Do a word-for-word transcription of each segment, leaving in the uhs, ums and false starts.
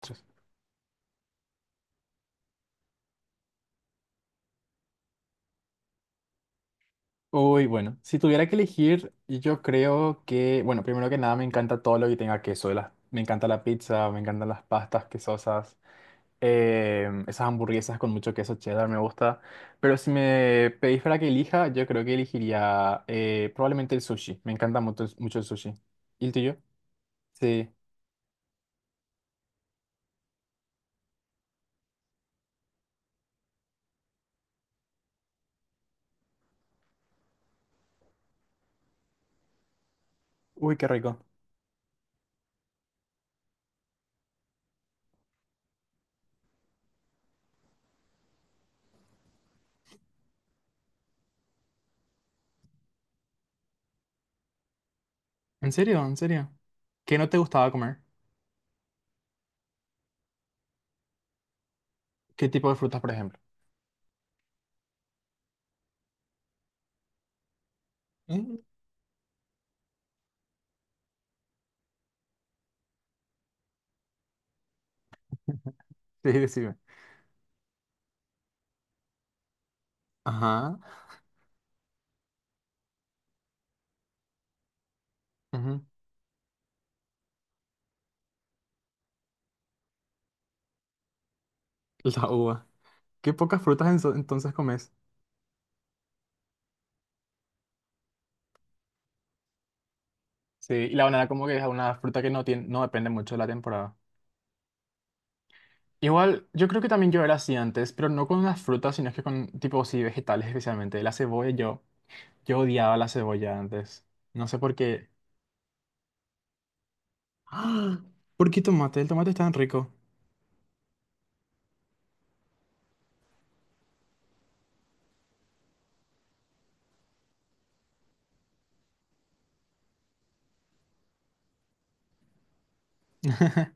Tres. Uy, bueno, si tuviera que elegir, yo creo que, bueno, primero que nada me encanta todo lo que tenga queso, las- me encanta la pizza, me encantan las pastas quesosas, em, esas hamburguesas con mucho queso cheddar me gusta, pero si me pedís para que elija, yo creo que elegiría eh, probablemente el sushi, me encanta mucho, mucho el sushi. ¿Y el tuyo? Sí. Uy, qué rico. ¿En serio? ¿En serio? ¿Qué no te gustaba comer? ¿Qué tipo de frutas, por ejemplo? Mm, sí, decime. Ajá. Ujú. La uva. Qué pocas frutas enso- entonces comes. Sí, y la banana como que es una fruta que no tiene, no depende mucho de la temporada. Igual, yo creo que también yo era así antes, pero no con las frutas, sino que con, tipo, sí, vegetales especialmente. La cebolla, yo, yo odiaba la cebolla antes. No sé por qué. ¡Ah! ¿Por qué tomate? El tomate es tan rico.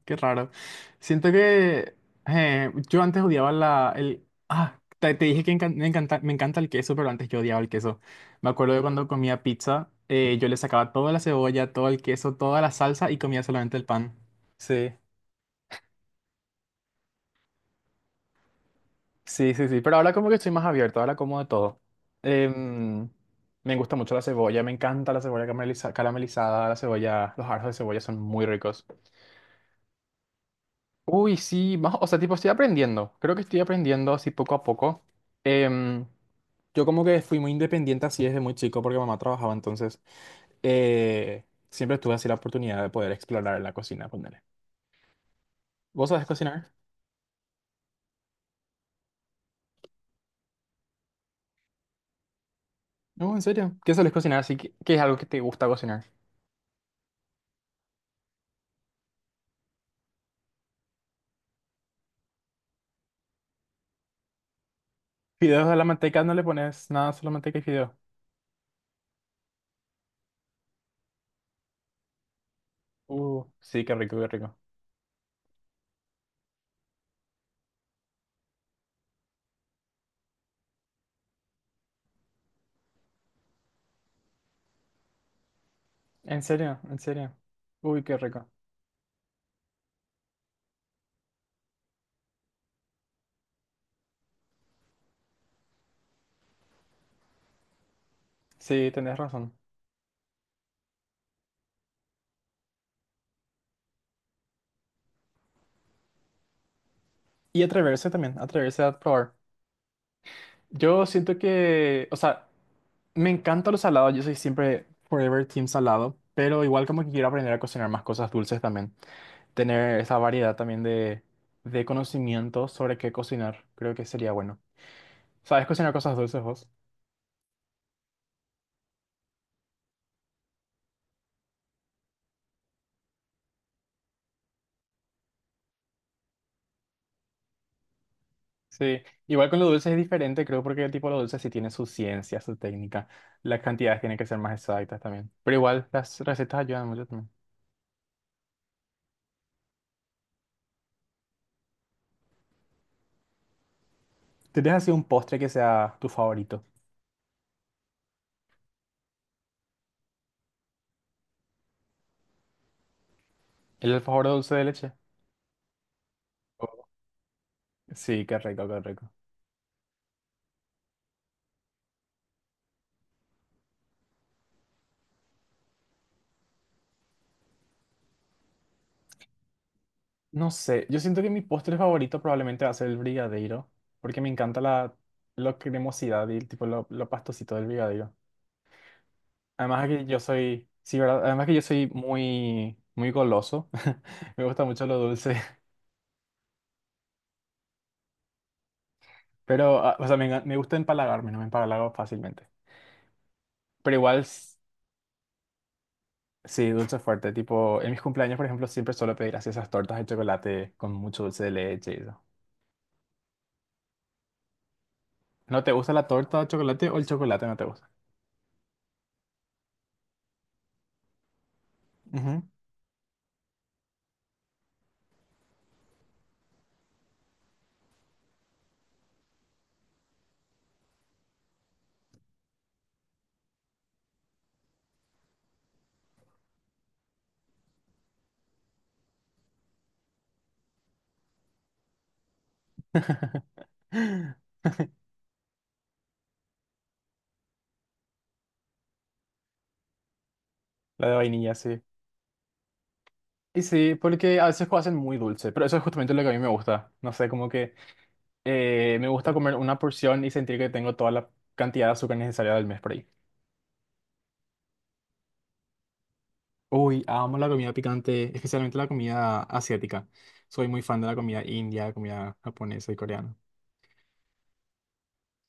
Qué raro. Siento que eh, yo antes odiaba la, el... Ah, te, te dije que encan- me encanta, me encanta el queso, pero antes yo odiaba el queso. Me acuerdo de cuando comía pizza, eh, yo le sacaba toda la cebolla, todo el queso, toda la salsa y comía solamente el pan. Sí, sí, sí, sí. Pero ahora como que estoy más abierto, ahora como de todo. Em, me gusta mucho la cebolla, me encanta la cebolla carameliza- caramelizada, la cebolla, los aros de cebolla son muy ricos. Uy, sí, más, o sea, tipo, estoy aprendiendo. Creo que estoy aprendiendo así poco a poco. Em, yo como que fui muy independiente así desde muy chico porque mamá trabajaba, entonces eh, siempre tuve así la oportunidad de poder explorar la cocina, ponele. ¿Vos sabés cocinar? No, en serio. ¿Qué sabés cocinar? Así que, ¿qué es algo que te gusta cocinar? Fideos a la manteca, no le pones nada, solo manteca y fideos. Uh, sí, qué rico, qué rico. En serio, en serio. Uy, qué rico. Sí, tenés razón. Y atreverse también, atreverse a probar. Yo siento que, o sea, me encanta lo salado, yo soy siempre forever team salado, pero igual como que quiero aprender a cocinar más cosas dulces también. Tener esa variedad también de, de conocimientos sobre qué cocinar, creo que sería bueno. ¿Sabes cocinar cosas dulces vos? Sí, igual con lo dulce es diferente, creo, porque el tipo de lo dulce sí tiene su ciencia, su técnica. Las cantidades tienen que ser más exactas también. Pero igual las recetas ayudan mucho también. ¿Tienes así un postre que sea tu favorito? ¿El alfajor de dulce de leche? Oh. Sí, qué rico, qué rico. No sé, yo siento que mi postre favorito probablemente va a ser el brigadeiro, porque me encanta la, la cremosidad y el tipo lo, lo pastosito del brigadeiro. Además que yo soy, sí, ¿verdad? Además que yo soy muy, muy goloso, me gusta mucho lo dulce, pero, ah, o sea, me, enga- me gusta empalagarme, no me empalago fácilmente. Pero igual, s- sí, dulce fuerte, tipo, en mis cumpleaños, por ejemplo, siempre suelo pedir así esas tortas de chocolate con mucho dulce de leche y eso. ¿No te gusta la torta de chocolate o el chocolate no te gusta? Ujú. La de vainilla, sí. Y sí, porque a veces lo hacen muy dulce, pero eso es justamente lo que a mí me gusta. No sé, como que eh, me gusta comer una porción y sentir que tengo toda la cantidad de azúcar necesaria del mes por ahí. Uy, amo la comida picante, especialmente la comida asiática. Soy muy fan de la comida india, comida japonesa y coreana.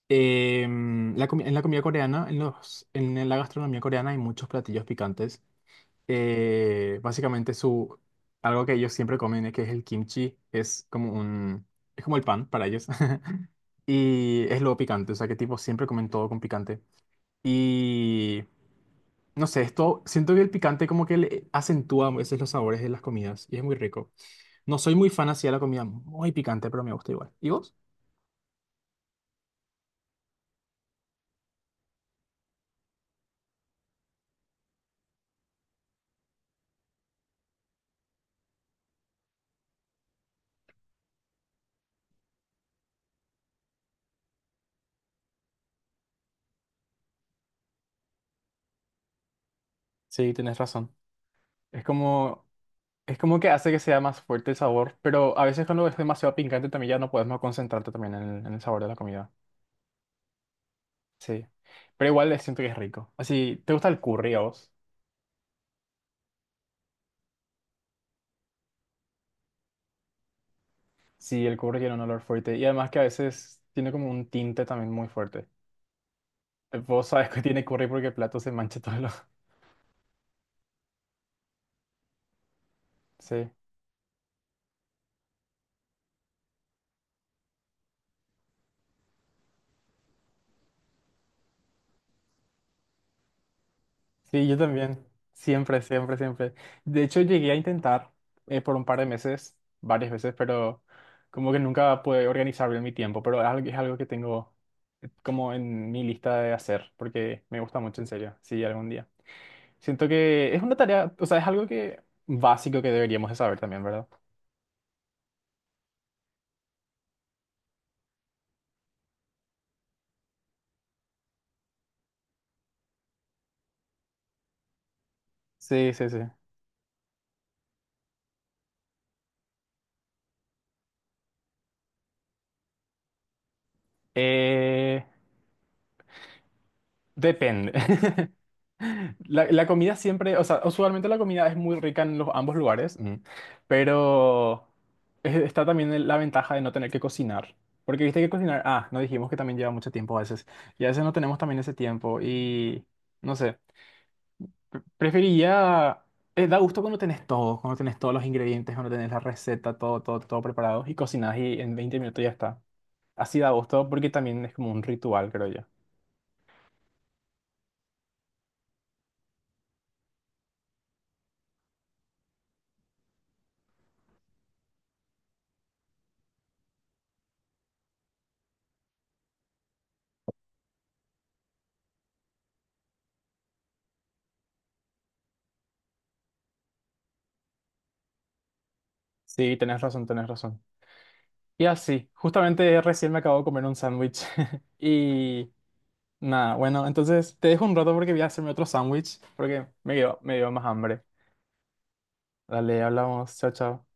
Em, la comi- en la comida coreana, en los, en la gastronomía coreana hay muchos platillos picantes. eh, básicamente su, algo que ellos siempre comen, eh, que es el kimchi, es como un, es como el pan para ellos. Y es lo picante, o sea que tipo siempre comen todo con picante. Y no sé, esto, siento que el picante como que le acentúa a veces los sabores de las comidas y es muy rico. No soy muy fan así de la comida muy picante, pero me gusta igual. ¿Y vos? Sí, tenés razón. Es como es como que hace que sea más fuerte el sabor, pero a veces cuando es demasiado picante también ya no puedes más concentrarte también en el, en el sabor de la comida. Sí. Pero igual eh, siento que es rico. Así, ¿te gusta el curry a vos? Sí, el curry tiene un olor fuerte y además que a veces tiene como un tinte también muy fuerte. Eh, Vos sabes que tiene curry porque el plato se mancha todo. Lo... Sí. Sí, yo también. Siempre, siempre, siempre. De hecho, llegué a intentar eh, por un par de meses, varias veces, pero como que nunca pude organizar bien mi tiempo, pero es algo, es algo que tengo eh, como en mi lista de hacer, porque me gusta mucho, en serio, sí, algún día. Siento que es una tarea, o sea, es algo que básico que deberíamos de saber también, ¿verdad? Sí, sí, sí. Eh, depende. La, la comida siempre, o sea, usualmente la comida es muy rica en los ambos lugares, mm, pero es- está también el- la ventaja de no tener que cocinar. Porque viste que cocinar, ah, no dijimos que también lleva mucho tiempo a veces. Y a veces no tenemos también ese tiempo. Y no sé, pre- preferiría. eh, da gusto cuando tenés todo, cuando tenés todos los ingredientes, cuando tenés la receta, todo, todo, todo preparado y cocinás y en veinte minutos ya está. Así da gusto porque también es como un ritual, creo yo. Sí, tenés razón, tenés razón. Y así, justamente recién me acabo de comer un sándwich. Y nada, bueno, entonces te dejo un rato porque voy a hacerme otro sándwich porque me dio, me dio más hambre. Dale, hablamos, chao, chao.